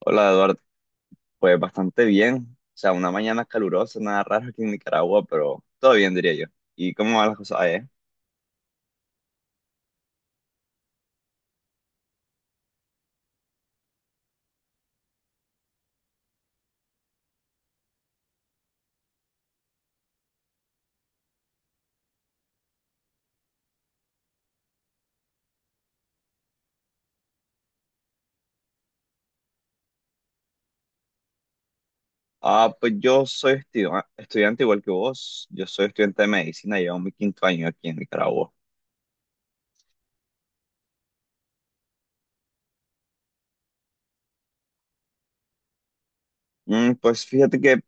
Hola Eduardo, pues bastante bien. O sea, una mañana calurosa, nada raro aquí en Nicaragua, pero todo bien diría yo. ¿Y cómo van las cosas allá? Ah, pues yo soy estudiante igual que vos. Yo soy estudiante de medicina, llevo mi quinto año aquí en Nicaragua. Pues fíjate que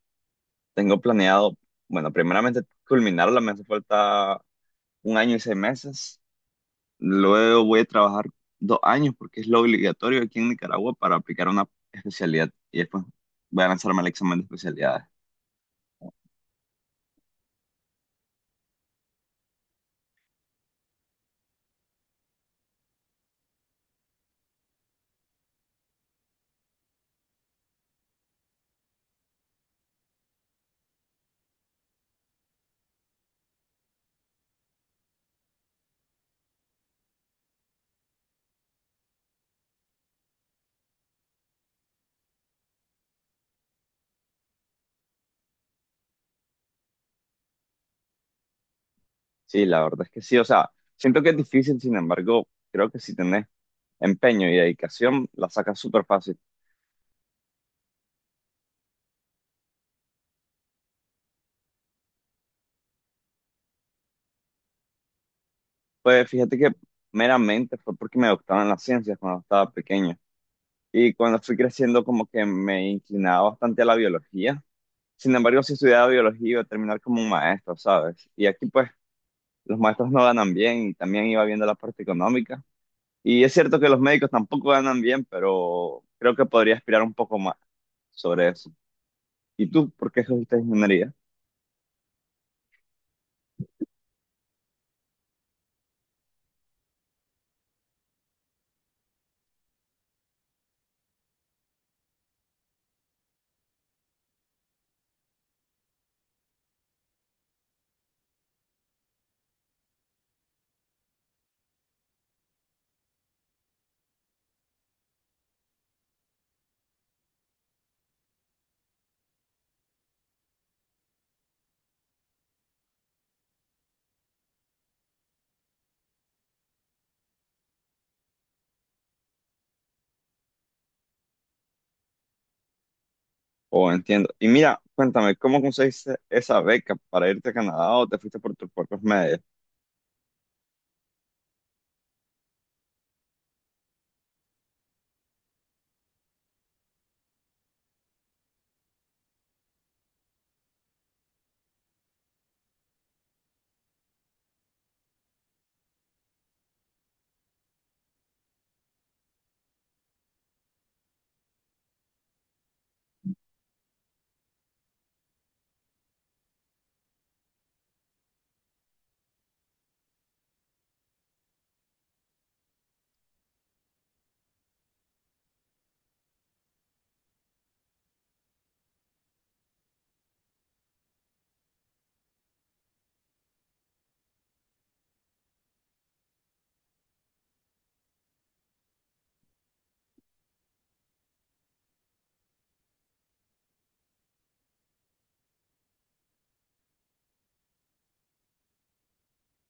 tengo planeado, bueno, primeramente culminarla, me hace falta un año y 6 meses. Luego voy a trabajar 2 años porque es lo obligatorio aquí en Nicaragua para aplicar una especialidad y después voy a lanzarme al examen de especialidad. Sí, la verdad es que sí, o sea, siento que es difícil, sin embargo, creo que si tenés empeño y dedicación, la sacas súper fácil. Pues fíjate que meramente fue porque me gustaban las ciencias cuando estaba pequeño y cuando fui creciendo como que me inclinaba bastante a la biología. Sin embargo, si estudiaba biología iba a terminar como un maestro, ¿sabes? Y aquí pues los maestros no ganan bien y también iba viendo la parte económica. Y es cierto que los médicos tampoco ganan bien, pero creo que podría aspirar un poco más sobre eso. ¿Y tú por qué escogiste ingeniería? Oh, entiendo. Y mira, cuéntame, ¿cómo conseguiste esa beca para irte a Canadá o te fuiste por tus propios medios?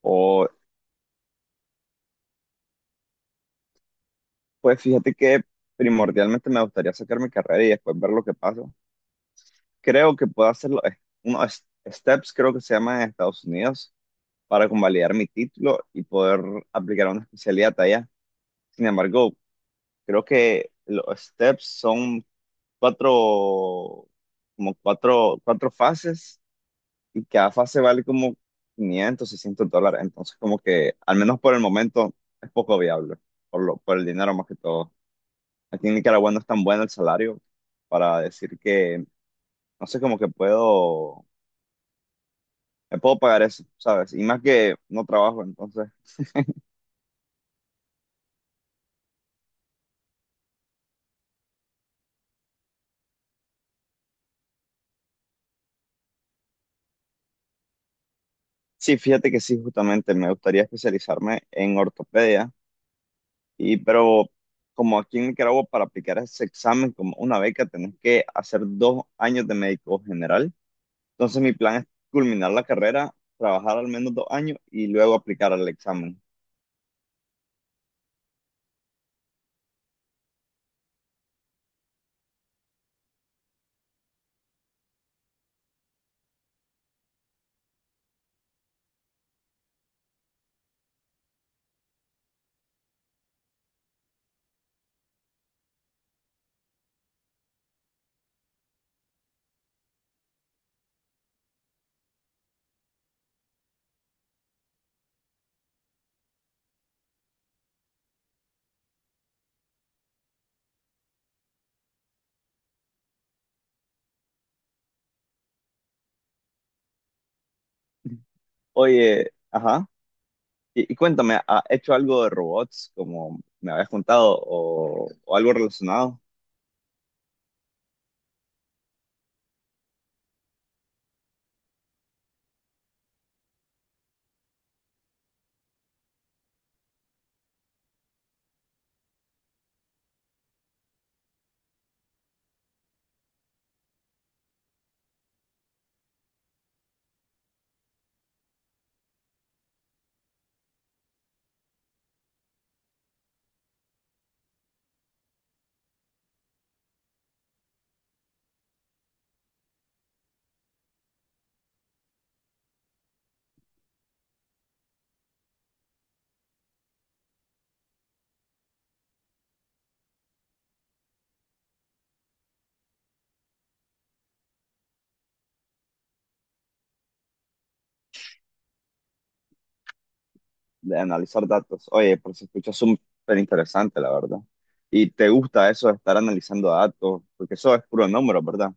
O, pues fíjate que primordialmente me gustaría sacar mi carrera y después ver lo que pasa. Creo que puedo hacer unos steps, creo que se llama en Estados Unidos, para convalidar mi título y poder aplicar una especialidad allá. Sin embargo, creo que los steps son cuatro, como cuatro fases y cada fase vale como $500, $600. Entonces, como que, al menos por el momento, es poco viable, por el dinero más que todo. Aquí en Nicaragua no es tan bueno el salario para decir que, no sé, como que puedo, me puedo pagar eso, ¿sabes? Y más que no trabajo, entonces. Sí, fíjate que sí, justamente me gustaría especializarme en ortopedia, y pero como aquí en Nicaragua para aplicar ese examen como una beca tenés que hacer 2 años de médico general. Entonces mi plan es culminar la carrera, trabajar al menos 2 años y luego aplicar al examen. Oye, ajá. Y cuéntame, ¿has hecho algo de robots, como me habías contado, o algo relacionado de analizar datos? Oye, pues se escucha súper interesante, la verdad. ¿Y te gusta eso de estar analizando datos? Porque eso es puro número, ¿verdad?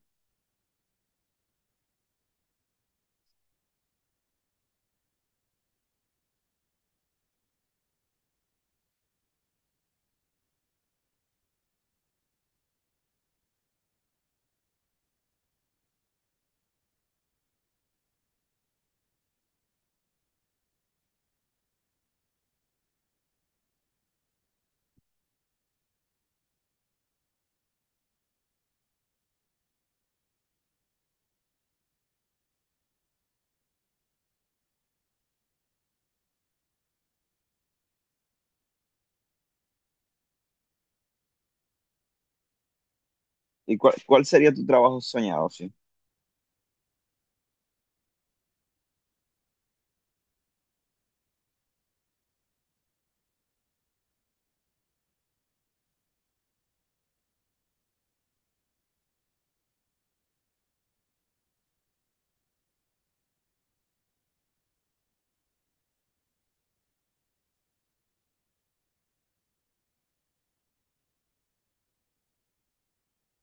¿Y cuál sería tu trabajo soñado, sí?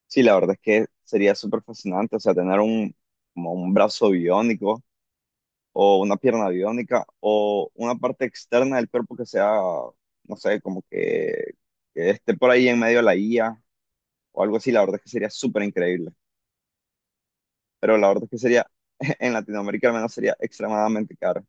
Sí, la verdad es que sería súper fascinante, o sea, tener un, como un brazo biónico o una pierna biónica o una parte externa del cuerpo que sea, no sé, como que esté por ahí en medio de la IA o algo así, la verdad es que sería súper increíble. Pero la verdad es que sería, en Latinoamérica al menos sería extremadamente caro.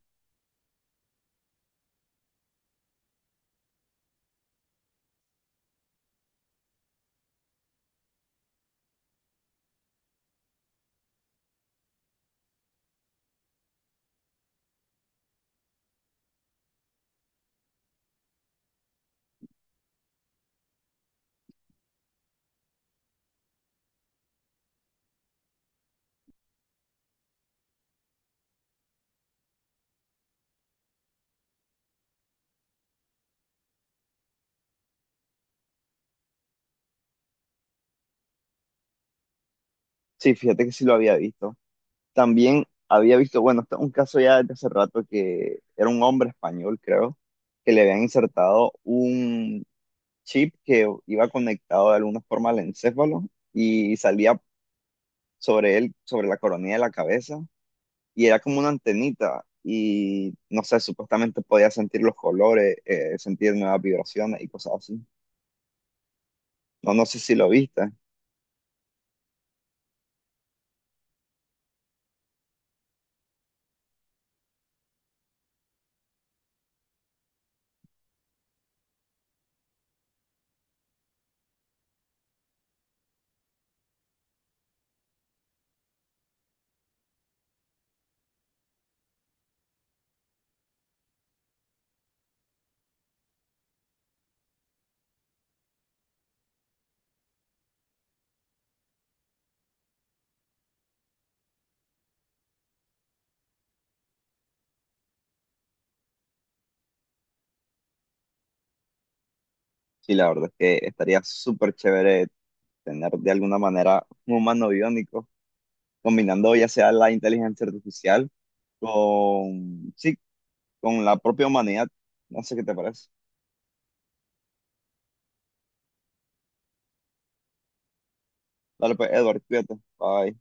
Sí, fíjate que sí lo había visto. También había visto, bueno, esto es un caso ya desde hace rato que era un hombre español, creo, que le habían insertado un chip que iba conectado de alguna forma al encéfalo y salía sobre él, sobre la coronilla de la cabeza, y era como una antenita, y no sé, supuestamente podía sentir los colores, sentir nuevas vibraciones y cosas así. No, no sé si lo viste, sí, la verdad es que estaría súper chévere tener de alguna manera un humano biónico, combinando ya sea la inteligencia artificial con, sí, con la propia humanidad. No sé qué te parece. Dale pues, Edward, cuídate. Bye.